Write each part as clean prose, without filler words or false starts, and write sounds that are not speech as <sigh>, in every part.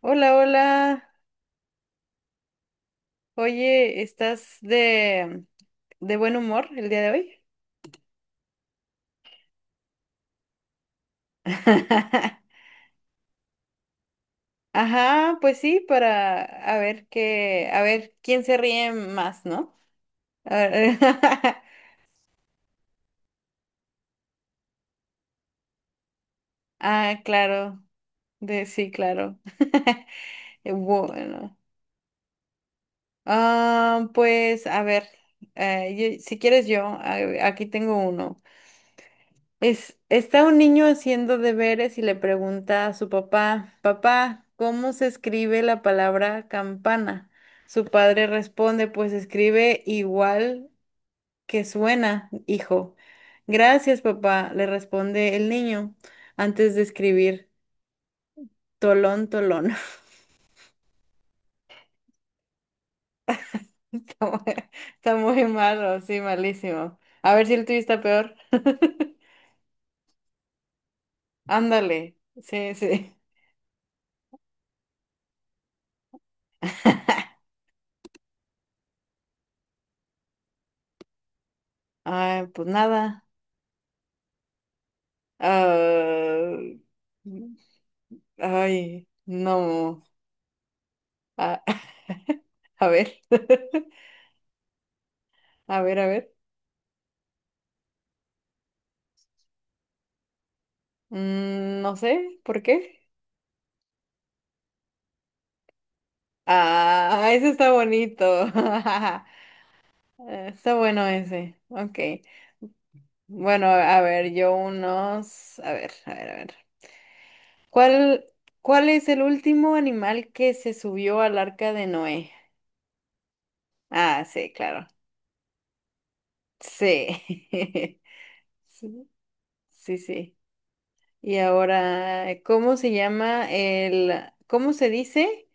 Hola, hola. Oye, ¿estás de buen humor el día de hoy? <laughs> Ajá, pues sí, para a ver qué, a ver quién se ríe más, ¿no? A ver, <laughs> ah, claro, de sí, claro. <laughs> Bueno, pues a ver, si quieres yo, aquí tengo uno. Está un niño haciendo deberes y le pregunta a su papá, papá, ¿cómo se escribe la palabra campana? Su padre responde, pues se escribe igual que suena, hijo. Gracias, papá, le responde el niño antes de escribir tolón, tolón. <laughs> Está muy está muy malo, sí, malísimo. A ver si el tuyo está peor. <laughs> Ándale, sí, sí. Ay, pues nada. Ah, ay, no. A, <laughs> a ver. <laughs> A ver, a ver. Mm, no sé, ¿por qué? Ah, ese está bonito. <laughs> Está bueno ese. Ok. Bueno, a ver, yo unos. A ver, a ver, a ver. ¿Cuál, ¿cuál es el último animal que se subió al arca de Noé? Ah, sí, claro. Sí. <laughs> Sí, sí, sí. Y ahora, ¿cómo se dice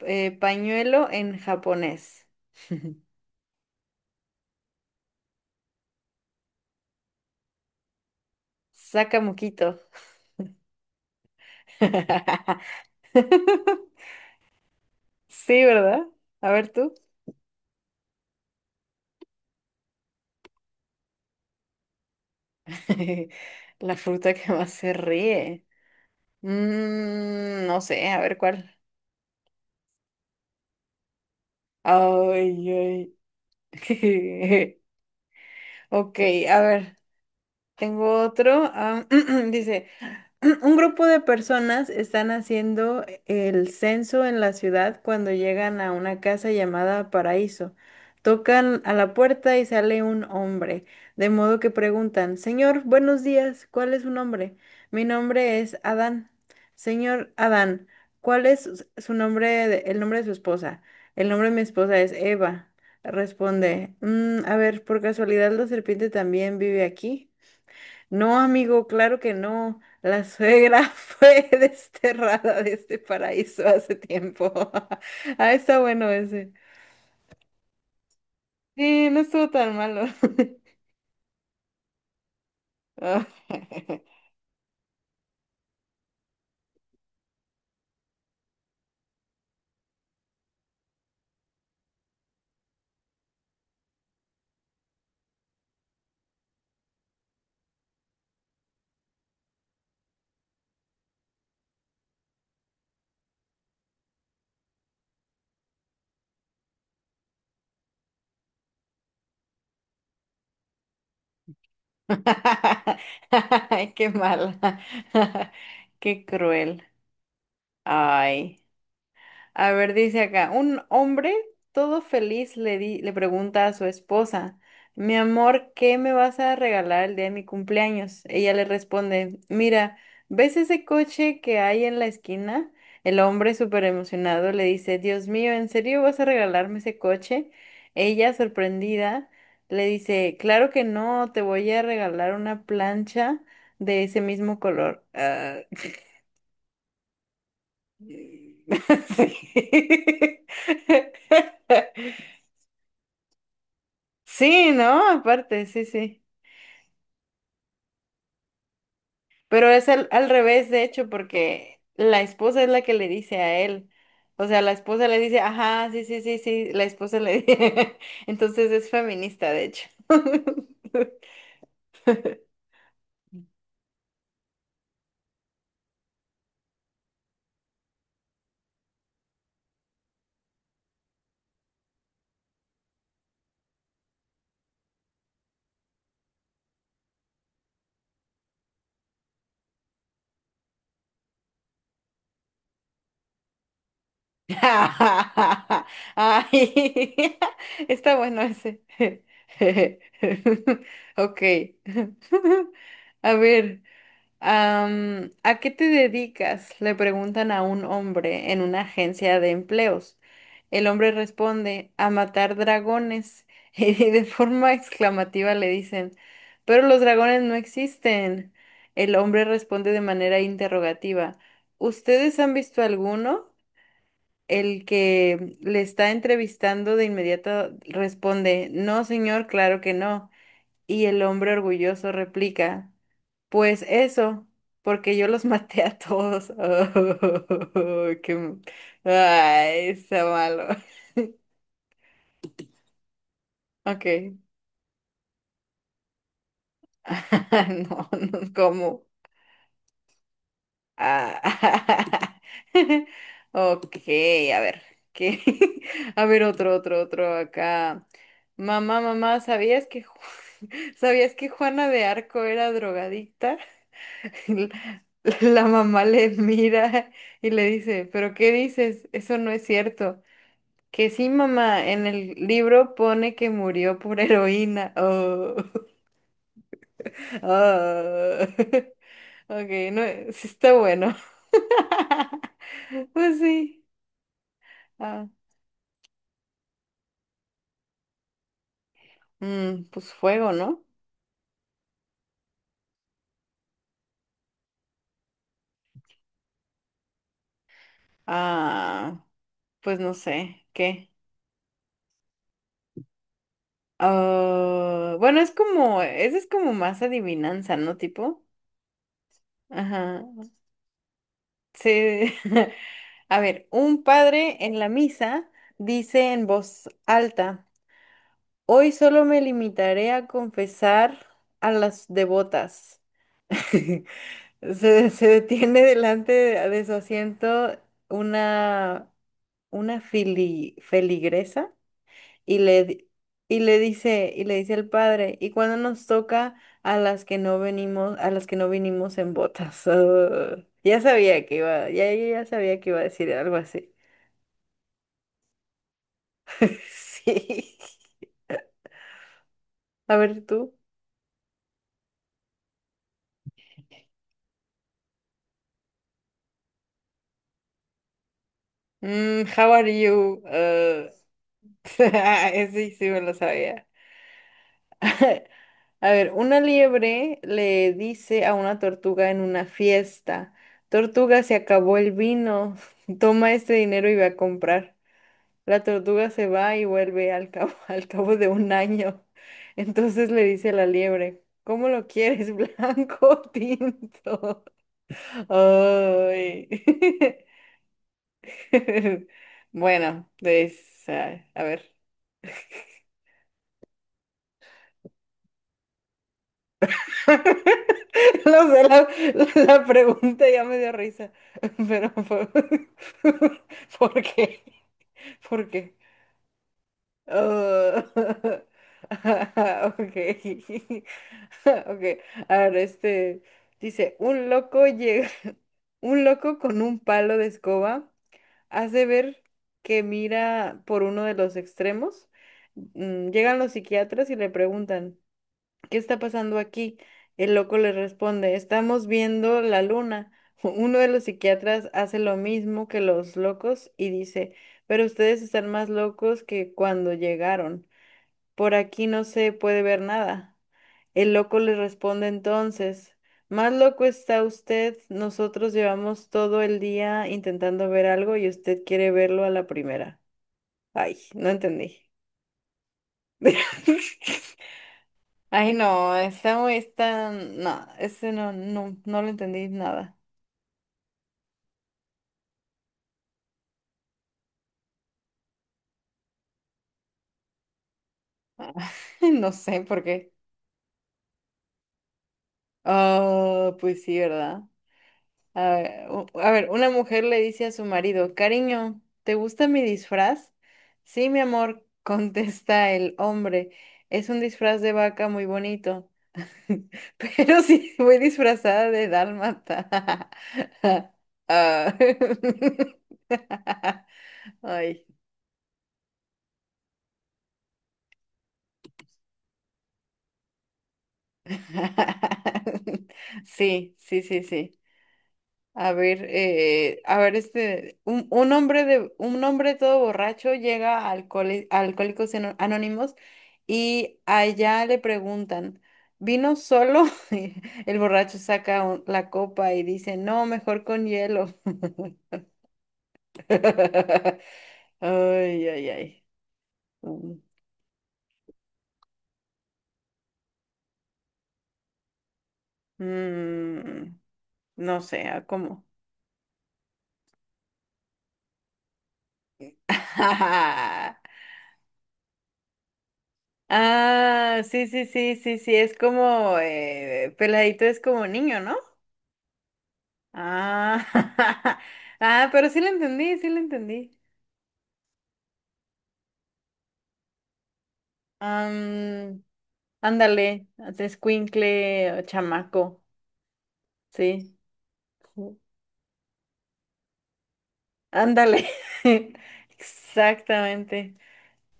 pañuelo en japonés? Sakamoquito. <laughs> Sí, ¿verdad? A ver tú. <laughs> La fruta que más se ríe. Mm, no sé, a ver cuál. Ay, ay. <laughs> Ok, a ver, tengo otro. <clears throat> Dice. <clears throat> Un grupo de personas están haciendo el censo en la ciudad cuando llegan a una casa llamada Paraíso. Tocan a la puerta y sale un hombre, de modo que preguntan, señor, buenos días, ¿cuál es su nombre? Mi nombre es Adán. Señor Adán, ¿cuál es su nombre, el nombre de su esposa? El nombre de mi esposa es Eva. Responde, "Mm, a ver, por casualidad la serpiente también vive aquí. No, amigo, claro que no. La suegra <laughs> fue desterrada de este paraíso hace tiempo". <laughs> Ah, está bueno ese. Sí, no estuvo tan malo. <laughs> Ah. <laughs> Ay, qué mala. <laughs> Qué cruel. Ay. A ver, dice acá, un hombre todo feliz le pregunta a su esposa, mi amor, ¿qué me vas a regalar el día de mi cumpleaños? Ella le responde, mira, ¿ves ese coche que hay en la esquina? El hombre súper emocionado le dice, Dios mío, ¿en serio vas a regalarme ese coche? Ella, sorprendida, le dice, claro que no, te voy a regalar una plancha de ese mismo color. Ah, sí. <laughs> Sí, sí, ¿no? Aparte, sí, sí. Pero es al revés, de hecho, porque la esposa es la que le dice a él. O sea, la esposa le dice, ajá, sí, sí, sí, sí, la esposa le dice. <laughs> Entonces es feminista, de hecho. <laughs> <laughs> Ay, <laughs> está bueno ese. <laughs> Ok. <laughs> A ver. ¿A qué te dedicas? Le preguntan a un hombre en una agencia de empleos. El hombre responde, a matar dragones. <laughs> Y de forma exclamativa le dicen, pero los dragones no existen. El hombre responde de manera interrogativa, ¿ustedes han visto alguno? El que le está entrevistando de inmediato responde, no, señor, claro que no. Y el hombre orgulloso replica. Pues eso, porque yo los <laughs> maté a todos. <laughs> Oh, qué... ay, está malo. Ok. <laughs> No, no, ¿cómo? Ah. <laughs> Ok, a ver. ¿Qué? <laughs> A ver, otro, otro, otro acá. Mamá, mamá, <laughs> ¿sabías que Juana de Arco era drogadicta? <laughs> La la mamá le mira y le dice, ¿pero qué dices? Eso no es cierto. Que sí, mamá, en el libro pone que murió por heroína. Oh, <laughs> oh. <laughs> Ok, no, sí está bueno. <laughs> Pues sí. Ah, mm, pues fuego, ¿no? Ah, pues no sé, ¿qué? Ah, bueno, es como, ese es como más adivinanza, ¿no? Tipo. Ajá. Sí. <laughs> A ver, un padre en la misa dice en voz alta. Hoy solo me limitaré a confesar a las devotas. <laughs> Se detiene delante de su asiento una, una feligresa y le, di- y le dice el padre, ¿y cuando nos toca a las que no venimos, a las que no vinimos en botas? <laughs> Ah, ya sabía que iba, ya ya sabía que iba a decir algo así. <laughs> Sí. A ver tú. Mm, how are you? <laughs> Sí, sí, me lo sabía. <laughs> A ver, una liebre le dice a una tortuga en una fiesta, tortuga, se acabó el vino, <laughs> toma este dinero y ve a comprar. La tortuga se va y vuelve al cabo, <laughs> al cabo de un año. Entonces le dice la liebre, ¿cómo lo quieres, <laughs> blanco o tinto? <laughs> Ay. <laughs> Bueno, pues, a ver. <laughs> <laughs> No sé, la pregunta ya me dio risa, <laughs> pero <laughs> ¿por qué? ¿Por qué? Oh, <laughs> ah, ok, <laughs> ok. A ver, este dice, un loco llega, <laughs> un loco con un palo de escoba hace ver que mira por uno de los extremos. Mm, llegan los psiquiatras y le preguntan. ¿Qué está pasando aquí? El loco le responde, estamos viendo la luna. <laughs> Uno de los psiquiatras hace lo mismo que los locos y dice, pero ustedes están más locos que cuando llegaron. Por aquí no se puede ver nada. El loco le responde entonces, más loco está usted, nosotros llevamos todo el día intentando ver algo y usted quiere verlo a la primera. Ay, no entendí. <laughs> Ay, no, está muy, está, no, ese no, no, no lo entendí nada. <laughs> No sé por qué. Ah, pues sí, ¿verdad? A ver, a ver, una mujer le dice a su marido, cariño, ¿te gusta mi disfraz? Sí, mi amor, <laughs> contesta el hombre, es un disfraz de vaca muy bonito, <laughs> pero sí, voy disfrazada de dálmata. <laughs> Ah. <laughs> Ay. <laughs> Sí, sí, sí, sí. A ver, este, un hombre todo borracho llega a a Anónimos y allá le preguntan, ¿vino solo? <laughs> Y el borracho saca la copa y dice, no, mejor con hielo. <laughs> Ay, ay, ay. Mm, mm, no sé, ¿a ¿cómo? <laughs> Ah, sí, sí, sí, sí, sí, es como, peladito es como niño, ¿no? Ah, <laughs> ah, pero sí lo entendí, sí lo entendí. Am, ándale, escuincle, chamaco, sí. Ándale, <laughs> exactamente.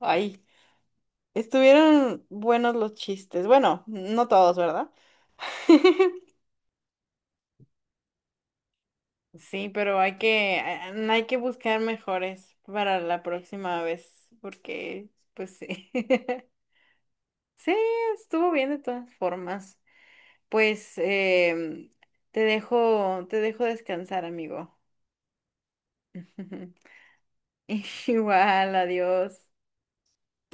Ay, estuvieron buenos los chistes. Bueno, no todos, ¿verdad? <laughs> Sí, pero hay que buscar mejores para la próxima vez, porque, pues sí. <laughs> Sí, estuvo bien de todas formas. Pues te dejo descansar, amigo. <laughs> Igual, adiós.